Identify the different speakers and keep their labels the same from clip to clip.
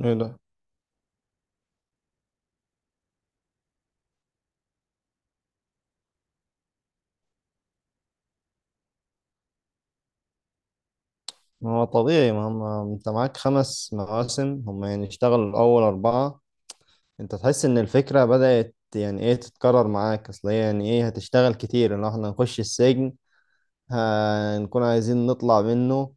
Speaker 1: ايه ده. ما هو طبيعي، ما هم انت معاك خمس مواسم، هم يعني اشتغلوا الاول اربعة. انت تحس ان الفكرة بدأت يعني ايه تتكرر معاك، اصل هي يعني ايه هتشتغل كتير ان احنا نخش السجن، هنكون عايزين نطلع منه.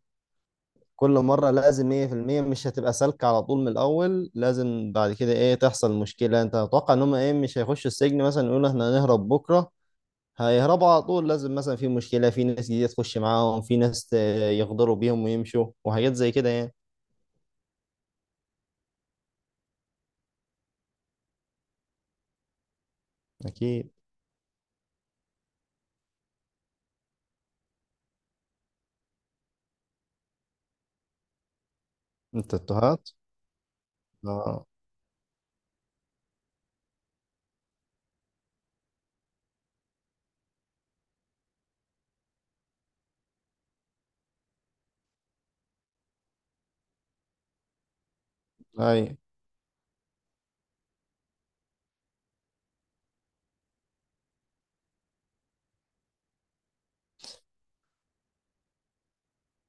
Speaker 1: كل مرة لازم ايه في المية مش هتبقى سالكة على طول، من الاول لازم بعد كده ايه تحصل مشكلة. انت اتوقع ان هم ايه مش هيخشوا السجن مثلا يقولوا احنا هنهرب بكرة هيهربوا على طول، لازم مثلا في مشكلة، في ناس جديدة تخش معاهم، في ناس يغدروا بيهم ويمشوا وحاجات زي كده يعني. اكيد. التاتوهات. اه. اي.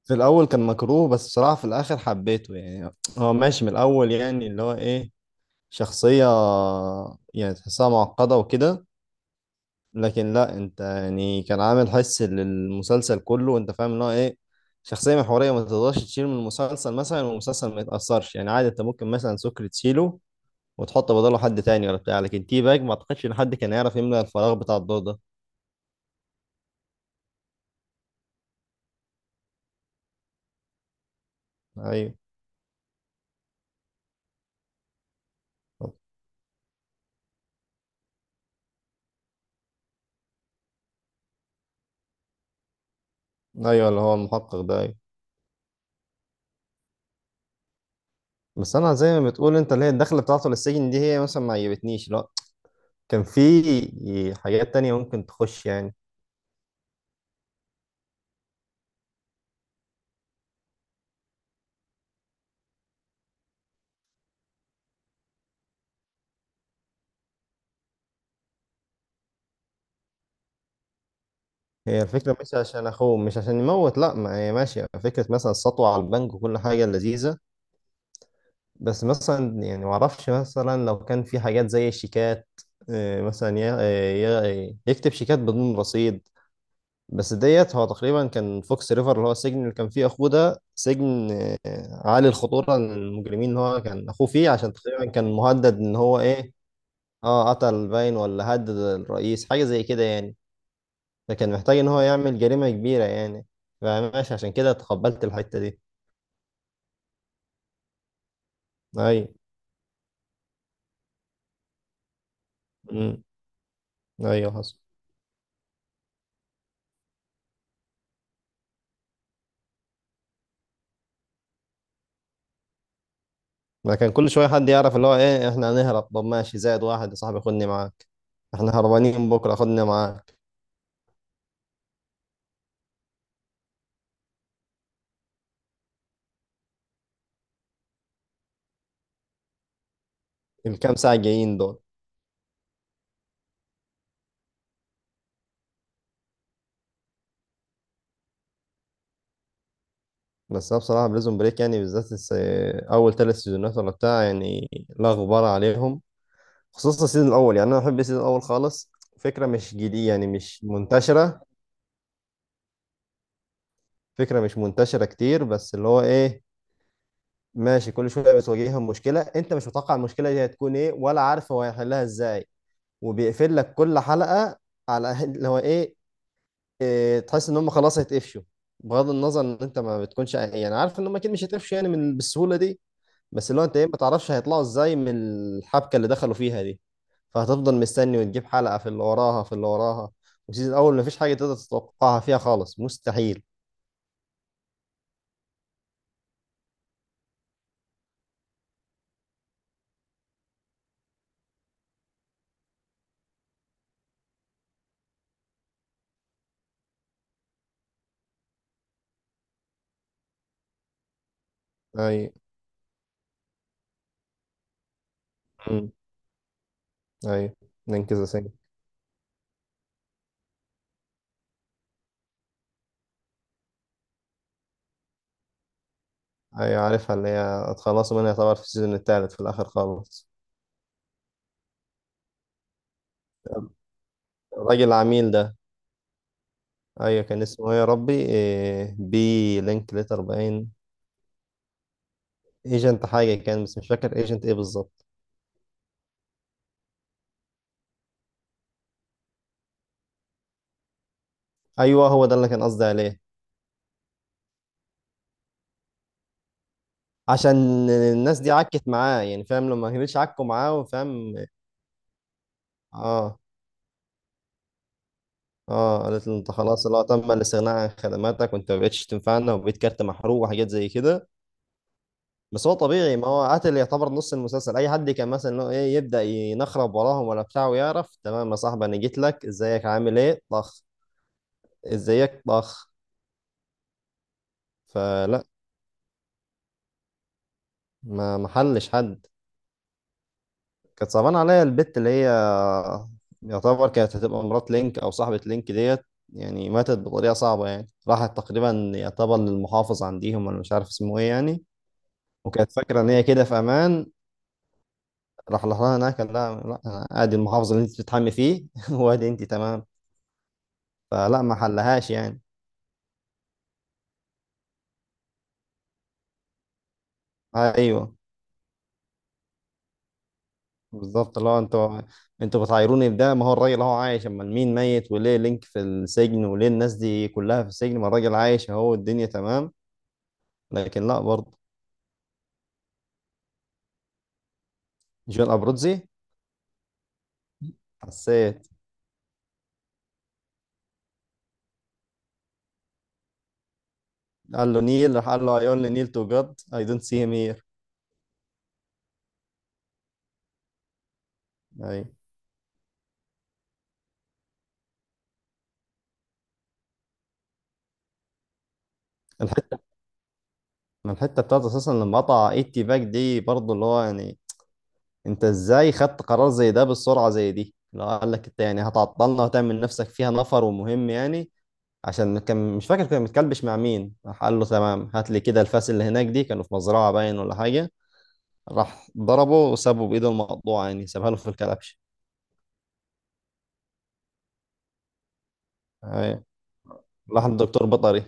Speaker 1: في الاول كان مكروه، بس بصراحه في الاخر حبيته يعني، هو ماشي من الاول يعني اللي هو ايه شخصيه، يعني تحسها معقده وكده. لكن لا، انت يعني كان عامل حس للمسلسل كله، وانت فاهم ان هو ايه شخصيه محوريه ما تقدرش تشيل من المسلسل مثلا والمسلسل ما يتاثرش يعني. عادي انت ممكن مثلا سكر تشيله وتحط بداله حد تاني ولا بتاع، لكن تي باج ما اعتقدش ان حد كان يعرف يملى الفراغ بتاع الدور ده. ايوه. ايوه اللي هو المحقق ده، أيوه. بس انا زي ما بتقول انت، اللي هي الدخله بتاعته للسجن دي هي مثلا ما عجبتنيش، لا كان في حاجات تانية ممكن تخش يعني. هي الفكره مش عشان اخوه، مش عشان يموت، لا ما هي ماشيه فكره مثلا السطوه على البنك وكل حاجه لذيذه. بس مثلا يعني ما اعرفش، مثلا لو كان في حاجات زي الشيكات، مثلا يكتب شيكات بدون رصيد. بس ديت هو تقريبا كان فوكس ريفر اللي هو السجن اللي كان فيه اخوه، ده سجن عالي الخطوره للمجرمين ان هو كان اخوه فيه عشان تقريبا كان مهدد ان هو ايه، اه قتل باين ولا هدد الرئيس حاجه زي كده يعني. فكان محتاج ان هو يعمل جريمه كبيره يعني، فماشي عشان كده تقبلت الحته دي. ايوه. امم ايوه حصل. ما كان كل شويه حد يعرف اللي هو ايه احنا هنهرب، طب ماشي زائد واحد يا صاحبي خدني معاك. احنا هربانين بكره خدني معاك. الكام ساعه جايين دول. بس انا بصراحه بريزون بريك يعني بالذات اول ثلاث سيزونات ولا بتاع يعني، لا غبار عليهم. خصوصا السيزون الاول يعني، انا بحب السيزون الاول خالص. فكره مش جديده يعني، مش منتشره. فكره مش منتشره كتير، بس اللي هو ايه ماشي كل شويه بتواجههم مشكله انت مش متوقع المشكله دي هتكون ايه ولا عارف هو هيحلها ازاي. وبيقفل لك كل حلقه على اللي هو ايه، إيه تحس ان هم خلاص هيتقفشوا، بغض النظر ان انت ما بتكونش يعني عارف ان هم اكيد مش هيتقفشوا يعني من بالسهوله دي. بس اللي هو انت ايه ما تعرفش هيطلعوا ازاي من الحبكه اللي دخلوا فيها دي. فهتفضل مستني وتجيب حلقه في اللي وراها في اللي وراها. والسيزون الاول مفيش حاجه تقدر تتوقعها فيها خالص، مستحيل. اي. امم ايوه ننكذا سنة. ايوه عارفها اللي هي اتخلصوا منها طبعا في السيزون الثالث في الاخر خالص. الراجل العميل ده. ايوه كان اسمه ايه يا ربي، إيه بي لينك ليتر باين، ايجنت حاجه كان، بس مش فاكر ايجنت ايه بالظبط. ايوه هو ده اللي كان قصدي عليه. عشان الناس دي عكت معاه يعني فاهم، لما كانتش عكوا معاه وفاهم. اه. اه قالت له انت خلاص اللي هو تم الاستغناء عن خدماتك وانت ما بقتش تنفعنا وبقيت كارت محروق وحاجات زي كده. بس هو طبيعي، ما هو قاتل يعتبر نص المسلسل، اي حد كان مثلا اللي هو ايه يبدا ينخرب وراهم ولا بتاع ويعرف تمام يا صاحبي انا جيت لك ازيك عامل ايه، طخ. ازيك، طخ. فلا ما محلش حد. كانت صعبانة عليا البت اللي هي يعتبر كانت هتبقى مرات لينك أو صاحبة لينك ديت يعني، ماتت بطريقة صعبة يعني، راحت تقريبا يعتبر للمحافظ عنديهم، أنا مش عارف اسمه إيه يعني. وكانت فاكرة إن هي كده في أمان، راح لها هناك قال لها لا أنا أدي المحافظ اللي أنت بتتحمي فيه، وأدي أنت تمام. فلا ما حلهاش يعني. أيوه بالظبط. اللي هو أنتوا أنتوا بتعايروني بده، ما هو الراجل أهو عايش، أمال مين ميت وليه لينك في السجن وليه الناس دي كلها في السجن، ما الراجل عايش أهو الدنيا تمام. لكن لا برضه. جون ابروتزي. حسيت. قال له نيل، راح قال له اي اونلي نيل تو جاد اي دونت سي هيم هير. اي. الحته. ما الحته بتاعته اساسا لما قطع ايتي باك دي برضه اللي هو يعني، انت ازاي خدت قرار زي ده بالسرعه زي دي، اللي هو قال لك انت يعني هتعطلنا وتعمل نفسك فيها نفر ومهم يعني. عشان كان مش فاكر كان متكلبش مع مين، راح قال له تمام هات لي كده الفاس اللي هناك دي، كانوا في مزرعه باين ولا حاجه. راح ضربه وسابه بايده المقطوعه يعني، سابها له في الكلبش. أي. راح الدكتور بطري.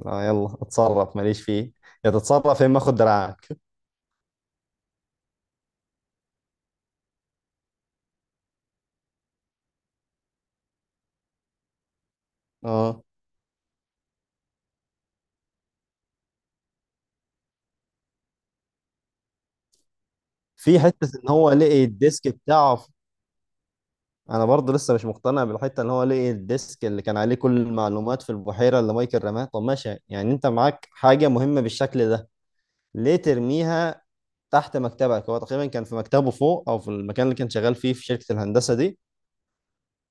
Speaker 1: لا يلا اتصرف ماليش فيه. يا تتصرف يا اما اخد دراعك. اه في حته ان هو لقي الديسك بتاعه انا برضه لسه مش مقتنع بالحته ان هو لقي الديسك اللي كان عليه كل المعلومات في البحيره اللي مايكل رماها. طب ماشي يعني انت معاك حاجه مهمه بالشكل ده، ليه ترميها تحت مكتبك؟ هو تقريبا كان في مكتبه فوق او في المكان اللي كان شغال فيه في شركه الهندسه دي.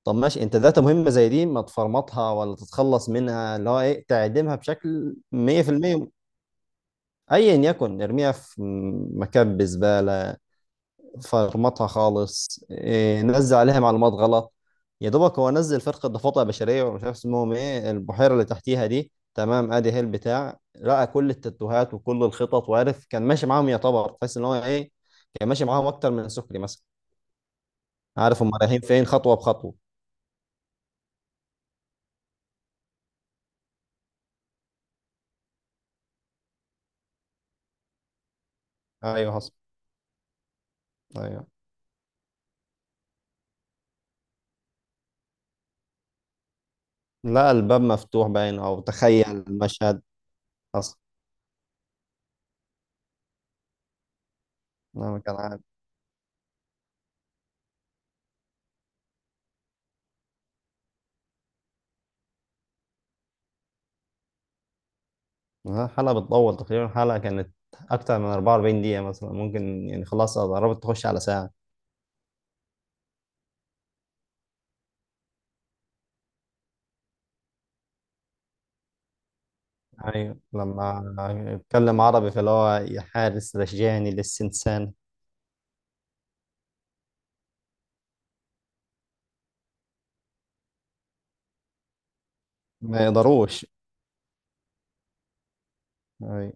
Speaker 1: طب ماشي انت داتا مهمه زي دي ما تفرمطها ولا تتخلص منها اللي هو ايه، تعدمها بشكل 100%. ايا يكن ارميها في مكان بزباله، فرمطها خالص، إيه نزل عليها معلومات غلط. يا دوبك هو نزل فرقه ضفادع بشريه ومش عارف اسمهم ايه البحيره اللي تحتيها دي تمام، ادي هي البتاع لقى كل التاتوهات وكل الخطط، وعارف كان ماشي معاهم يعتبر، تحس ان هو ايه كان ماشي معاهم اكتر من سكري مثلا، عارف هم رايحين فين خطوه بخطوه. ايوه حصل. ايوه. لا الباب مفتوح باين او تخيل المشهد. حصل. انا كان عارف. الحلقة بتطول تقريبا، الحلقة كانت أكتر من 44 دقيقة مثلا ممكن يعني، خلاص قربت تخش على ساعة. أيوة لما أتكلم عربي فاللي هو يا حارس رجعني للسنسان. ما يقدروش. أيوة.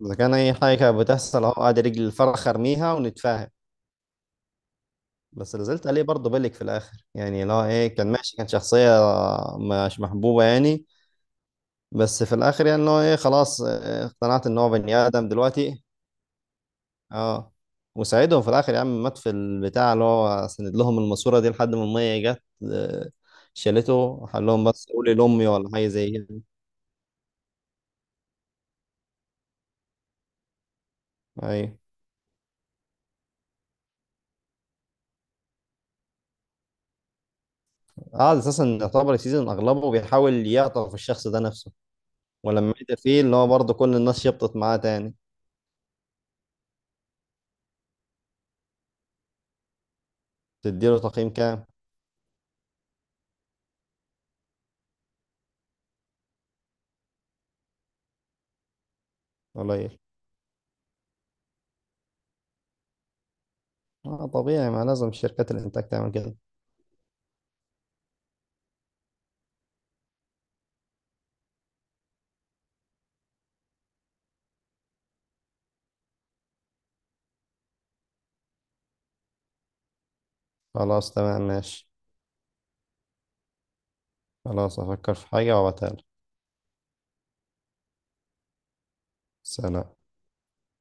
Speaker 1: إذا كان أي حاجة كانت بتحصل أهو قاعد رجل الفرخ أرميها ونتفاهم. بس لازلت عليه برضه بالك، في الآخر يعني اللي هو إيه كان ماشي كان شخصية مش محبوبة يعني. بس في الآخر يعني اللي هو إيه خلاص، اقتنعت إن هو بني آدم دلوقتي. اه وساعدهم في الاخر يا عم، مات في البتاع اللي هو سند لهم الماسوره دي لحد ما الميه جت، آه، شالته قال لهم بس قولي لامي ولا حاجه زي كده. ايوه قعد اساسا يعتبر السيزون اغلبه بيحاول يعطف الشخص ده نفسه، ولما عدى فيه اللي هو برضه كل الناس شبطت معاه تاني. تديله تقييم كام؟ قليل. اه طبيعي، ما لازم شركات الانتاج تعمل كده. خلاص تمام ماشي. خلاص هفكر في حاجه وابعتها لك. سلام.